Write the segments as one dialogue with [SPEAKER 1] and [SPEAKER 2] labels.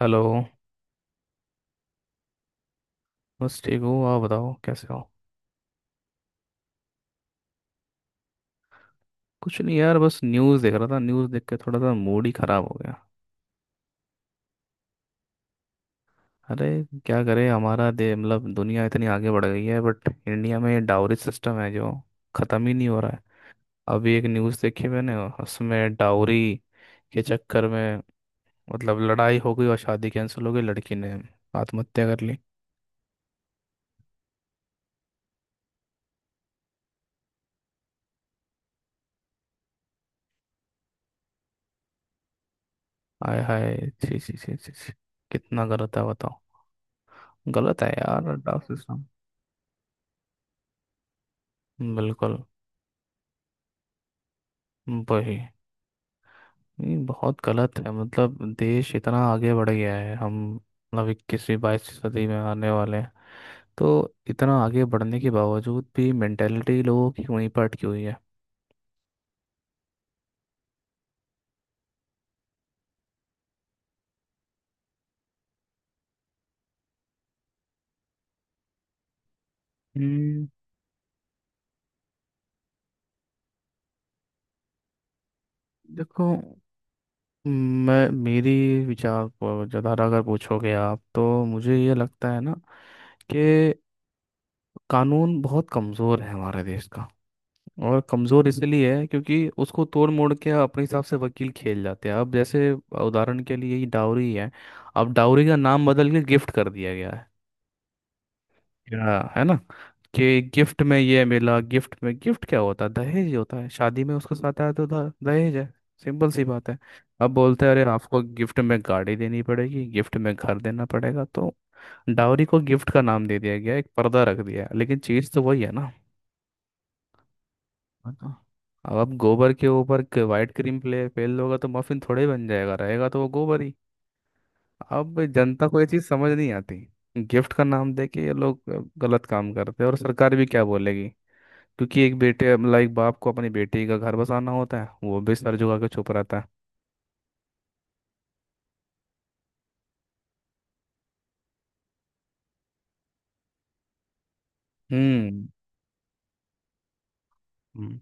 [SPEAKER 1] Hello. बस ठीक हूँ, आप बताओ कैसे हो। कुछ नहीं यार, बस न्यूज़ देख रहा था। न्यूज़ देख के थोड़ा सा मूड ही ख़राब हो गया। अरे क्या करे हमारा दे मतलब दुनिया इतनी आगे बढ़ गई है बट इंडिया में डाउरी सिस्टम है जो ख़त्म ही नहीं हो रहा है। अभी एक न्यूज़ देखी मैंने। उसमें डाउरी के चक्कर में मतलब लड़ाई हो गई और शादी कैंसिल हो गई, लड़की ने आत्महत्या कर ली। आय हाय, छी छी छी छी छी, कितना गलत है बताओ। गलत है यार डाउरी सिस्टम। बिल्कुल। वही। ये बहुत गलत है, मतलब देश इतना आगे बढ़ गया है, हम मतलब 21वीं 22वीं सदी में आने वाले हैं तो इतना आगे बढ़ने के बावजूद भी मेंटेलिटी लोगों की वहीं पर अटकी हुई है। हम्म, देखो मैं मेरी विचार पर ज़्यादा अगर पूछोगे आप तो मुझे ये लगता है ना कि कानून बहुत कमज़ोर है हमारे देश का। और कमज़ोर इसलिए है क्योंकि उसको तोड़ मोड़ के अपने हिसाब से वकील खेल जाते हैं। अब जैसे उदाहरण के लिए ये डाउरी है। अब डाउरी का नाम बदल के गिफ्ट कर दिया गया है, या है ना, कि गिफ्ट में ये मिला, गिफ्ट में। गिफ्ट क्या होता है? दहेज ही होता है, शादी में उसके साथ आया तो दहेज है। सिंपल सी बात है। अब बोलते हैं अरे आपको गिफ्ट में गाड़ी देनी पड़ेगी, गिफ्ट में घर देना पड़ेगा। तो डाउरी को गिफ्ट का नाम दे दिया गया है, एक पर्दा रख दिया है लेकिन चीज़ तो वही है ना। हाँ तो अब आप गोबर के ऊपर वाइट क्रीम प्ले फेल होगा तो मफिन थोड़े ही बन जाएगा, रहेगा तो वो गोबर ही। अब जनता को ये चीज़ समझ नहीं आती। गिफ्ट का नाम देके ये लोग गलत काम करते हैं, और सरकार भी क्या बोलेगी, क्योंकि एक बेटे मतलब एक बाप को अपनी बेटी का घर बसाना होता है, वो भी सर झुका के चुप रहता है। हम्म। हम्म।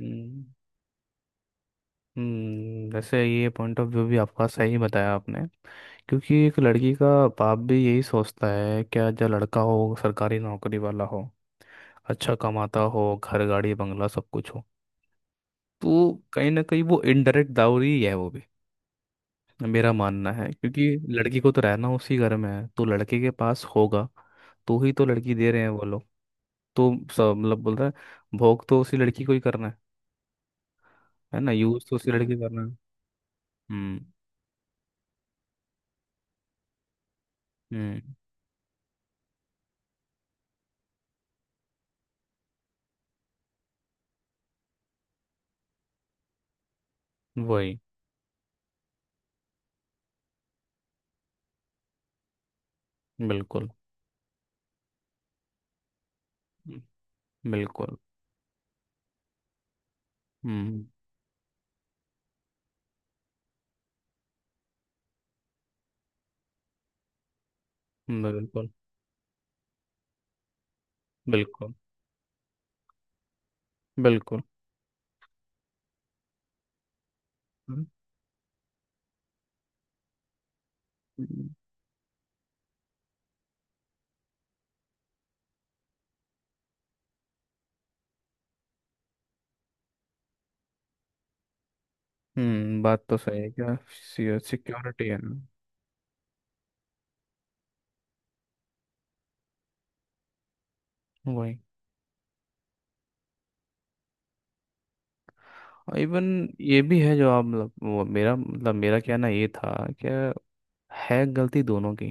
[SPEAKER 1] हम्म। वैसे ये पॉइंट ऑफ व्यू भी आपका सही बताया आपने। क्योंकि एक लड़की का बाप भी यही सोचता है क्या, जो लड़का हो सरकारी नौकरी वाला हो, अच्छा कमाता हो, घर गाड़ी बंगला सब कुछ हो। तो कहीं ना कहीं वो इनडायरेक्ट दावरी ही है वो भी। मेरा मानना है, क्योंकि लड़की को तो रहना उसी घर में है, तो लड़के के पास होगा तो ही तो लड़की दे रहे हैं वो लोग। तो सब मतलब बोलता है भोग तो उसी लड़की को ही करना है ना, यूज तो उसी लड़की को करना है। हम्म। हम्म। वही। बिल्कुल। बिल्कुल। हम्म। बिल्कुल। बिल्कुल। बिल्कुल। हम्म। बात तो सही है क्या। सिक्योरिटी है ना। वही। इवन ये भी है, जो आप मतलब वो मेरा मतलब मेरा कहना ये था कि है गलती दोनों की।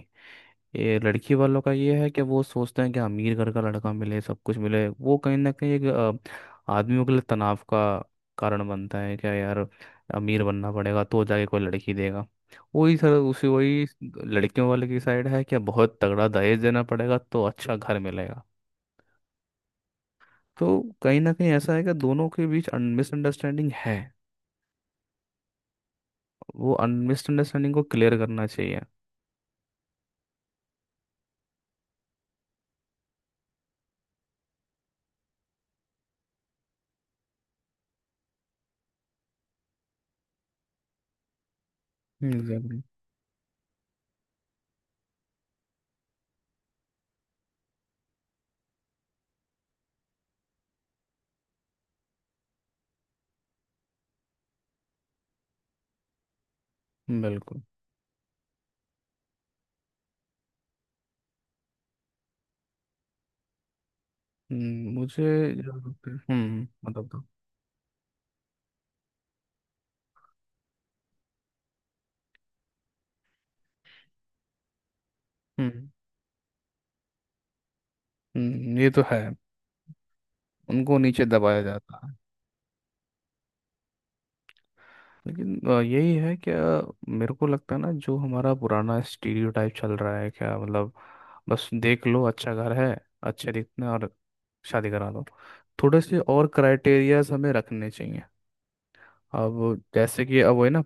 [SPEAKER 1] ये लड़की वालों का ये है कि वो सोचते हैं कि अमीर घर का लड़का मिले, सब कुछ मिले। वो कहीं ना कहीं एक आदमियों के लिए तनाव का कारण बनता है क्या यार। अमीर बनना पड़ेगा तो जाके कोई लड़की देगा। वही सर, उसी वही लड़कियों वाले की साइड है क्या, बहुत तगड़ा दहेज देना पड़ेगा तो अच्छा घर मिलेगा। तो कहीं ना कहीं ऐसा है कि दोनों के बीच मिसअंडरस्टैंडिंग है। वो मिसअंडरस्टैंडिंग को क्लियर करना चाहिए। एग्जैक्टली। बिल्कुल। मुझे जो लगता है- मतलब तो। हम्म। ये तो है। उनको नीचे दबाया जाता है। लेकिन यही है क्या, मेरे को लगता है ना जो हमारा पुराना स्टीरियोटाइप चल रहा है क्या, मतलब बस देख लो अच्छा घर है, अच्छे दिखते हैं और शादी करा दो। थोड़े से और क्राइटेरियाज हमें रखने चाहिए। अब जैसे कि अब वही ना,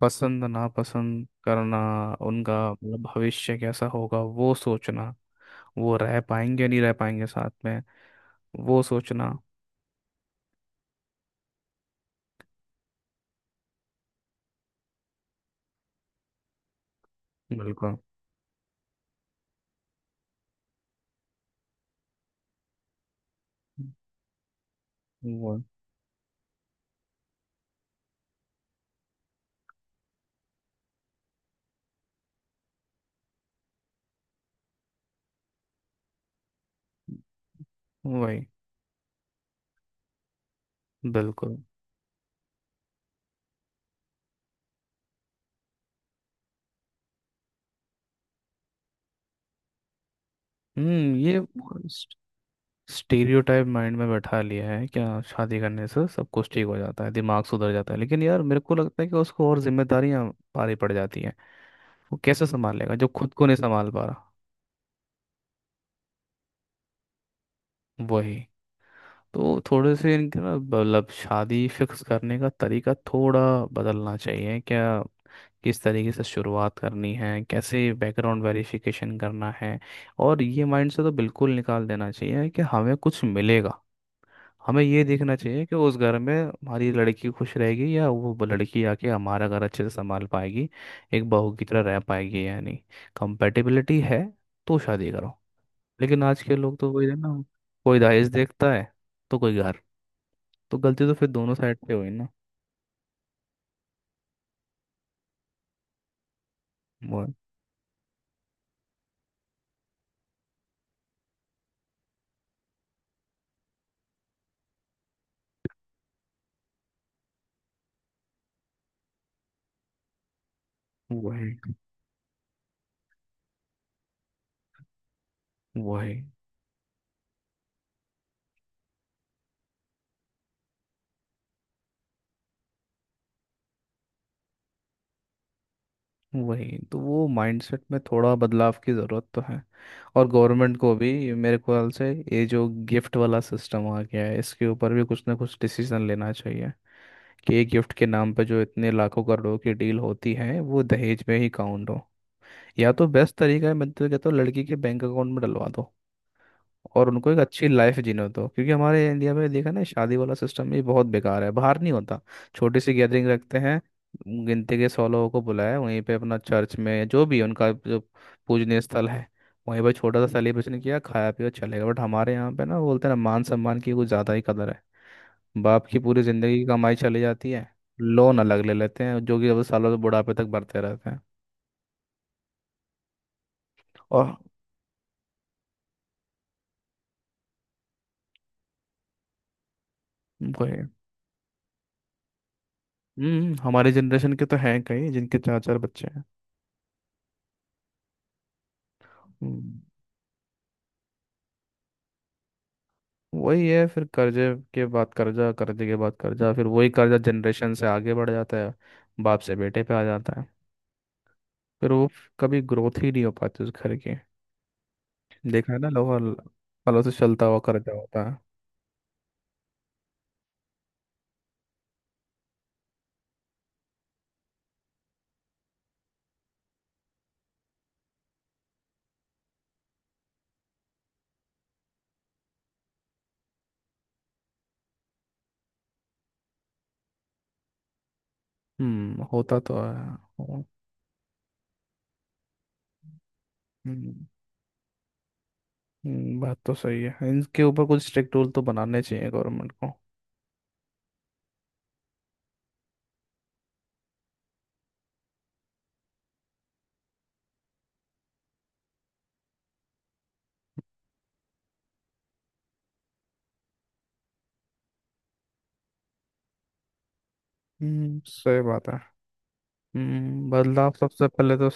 [SPEAKER 1] पसंद नापसंद करना, उनका मतलब भविष्य कैसा होगा वो सोचना, वो रह पाएंगे या नहीं रह पाएंगे साथ में, वो सोचना। बिल्कुल। वो वही। बिल्कुल। हम्म, ये स्टीरियोटाइप माइंड में बैठा लिया है क्या, शादी करने से सब कुछ ठीक हो जाता है, दिमाग सुधर जाता है। लेकिन यार मेरे को लगता है कि उसको और जिम्मेदारियां भारी पड़ जाती हैं। वो कैसे संभालेगा जो खुद को नहीं संभाल पा रहा। वही। तो थोड़े से इनके ना मतलब शादी फिक्स करने का तरीका थोड़ा बदलना चाहिए क्या। किस तरीके से शुरुआत करनी है, कैसे बैकग्राउंड वेरिफिकेशन करना है। और ये माइंड से तो बिल्कुल निकाल देना चाहिए कि हमें कुछ मिलेगा। हमें ये देखना चाहिए कि उस घर में हमारी लड़की खुश रहेगी, या वो लड़की आके हमारा घर अच्छे से संभाल पाएगी, एक बहू की तरह रह पाएगी या नहीं, कंपेटिबिलिटी है तो शादी करो। लेकिन आज के लोग तो वही है ना, कोई दहेज देखता है तो कोई घर। तो गलती तो फिर दोनों साइड पे हुई ना। वो। वही। वही। वही तो, वो माइंडसेट में थोड़ा बदलाव की ज़रूरत तो है। और गवर्नमेंट को भी मेरे ख्याल से ये जो गिफ्ट वाला सिस्टम आ गया है, इसके ऊपर भी कुछ ना कुछ डिसीजन लेना चाहिए, कि एक गिफ्ट के नाम पे जो इतने लाखों करोड़ों की डील होती है वो दहेज में ही काउंट हो। या तो बेस्ट तरीका है, मैं तो कहता हूँ लड़की के बैंक अकाउंट में डलवा दो, और उनको एक अच्छी लाइफ जीने दो। क्योंकि हमारे इंडिया में देखा ना, शादी वाला सिस्टम, ये बहुत बेकार है, बाहर नहीं होता। छोटी सी गैदरिंग रखते हैं, गिनती के 100 लोगों को बुलाया, वहीं पे अपना चर्च में जो भी उनका जो पूजनीय स्थल है, वहीं पर छोटा सा सेलिब्रेशन किया, खाया पिया, चलेगा। बट हमारे यहाँ पे ना बोलते हैं ना, मान सम्मान की कुछ ज़्यादा ही कदर है। बाप की पूरी ज़िंदगी की कमाई चली जाती है। लोन अलग ले लेते हैं जो कि अब सालों से बुढ़ापे तक भरते रहते हैं। और कोई। हम्म। हमारी जनरेशन के तो हैं कई जिनके चार चार बच्चे हैं। हम्म। वही है, फिर कर्जे के बाद कर्जा, कर्जे के बाद कर्जा, फिर वही कर्जा जनरेशन से आगे बढ़ जाता है, बाप से बेटे पे आ जाता है। फिर वो कभी ग्रोथ ही नहीं हो पाती उस घर की। देखा है ना, लोहा पलों से चलता हुआ कर्जा होता है। हम्म, होता तो है। हो- हम्म। बात तो सही है, इनके ऊपर कुछ स्ट्रिक्ट रूल तो बनाने चाहिए गवर्नमेंट को। हम्म, सही बात है। हम्म, बदलाव सबसे पहले तो।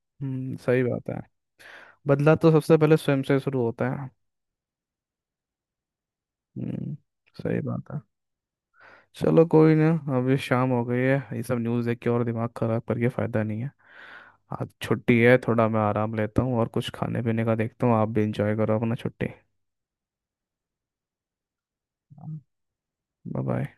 [SPEAKER 1] हम्म, सही बात है। बदलाव तो सबसे पहले स्वयं से शुरू होता है। हम्म। सही बात है। चलो कोई ना, अभी शाम हो गई है, ये सब न्यूज़ देख के और दिमाग ख़राब करके फ़ायदा नहीं है। आज छुट्टी है, थोड़ा मैं आराम लेता हूँ और कुछ खाने पीने का देखता हूँ। आप भी इंजॉय करो अपना छुट्टी। Bye bye.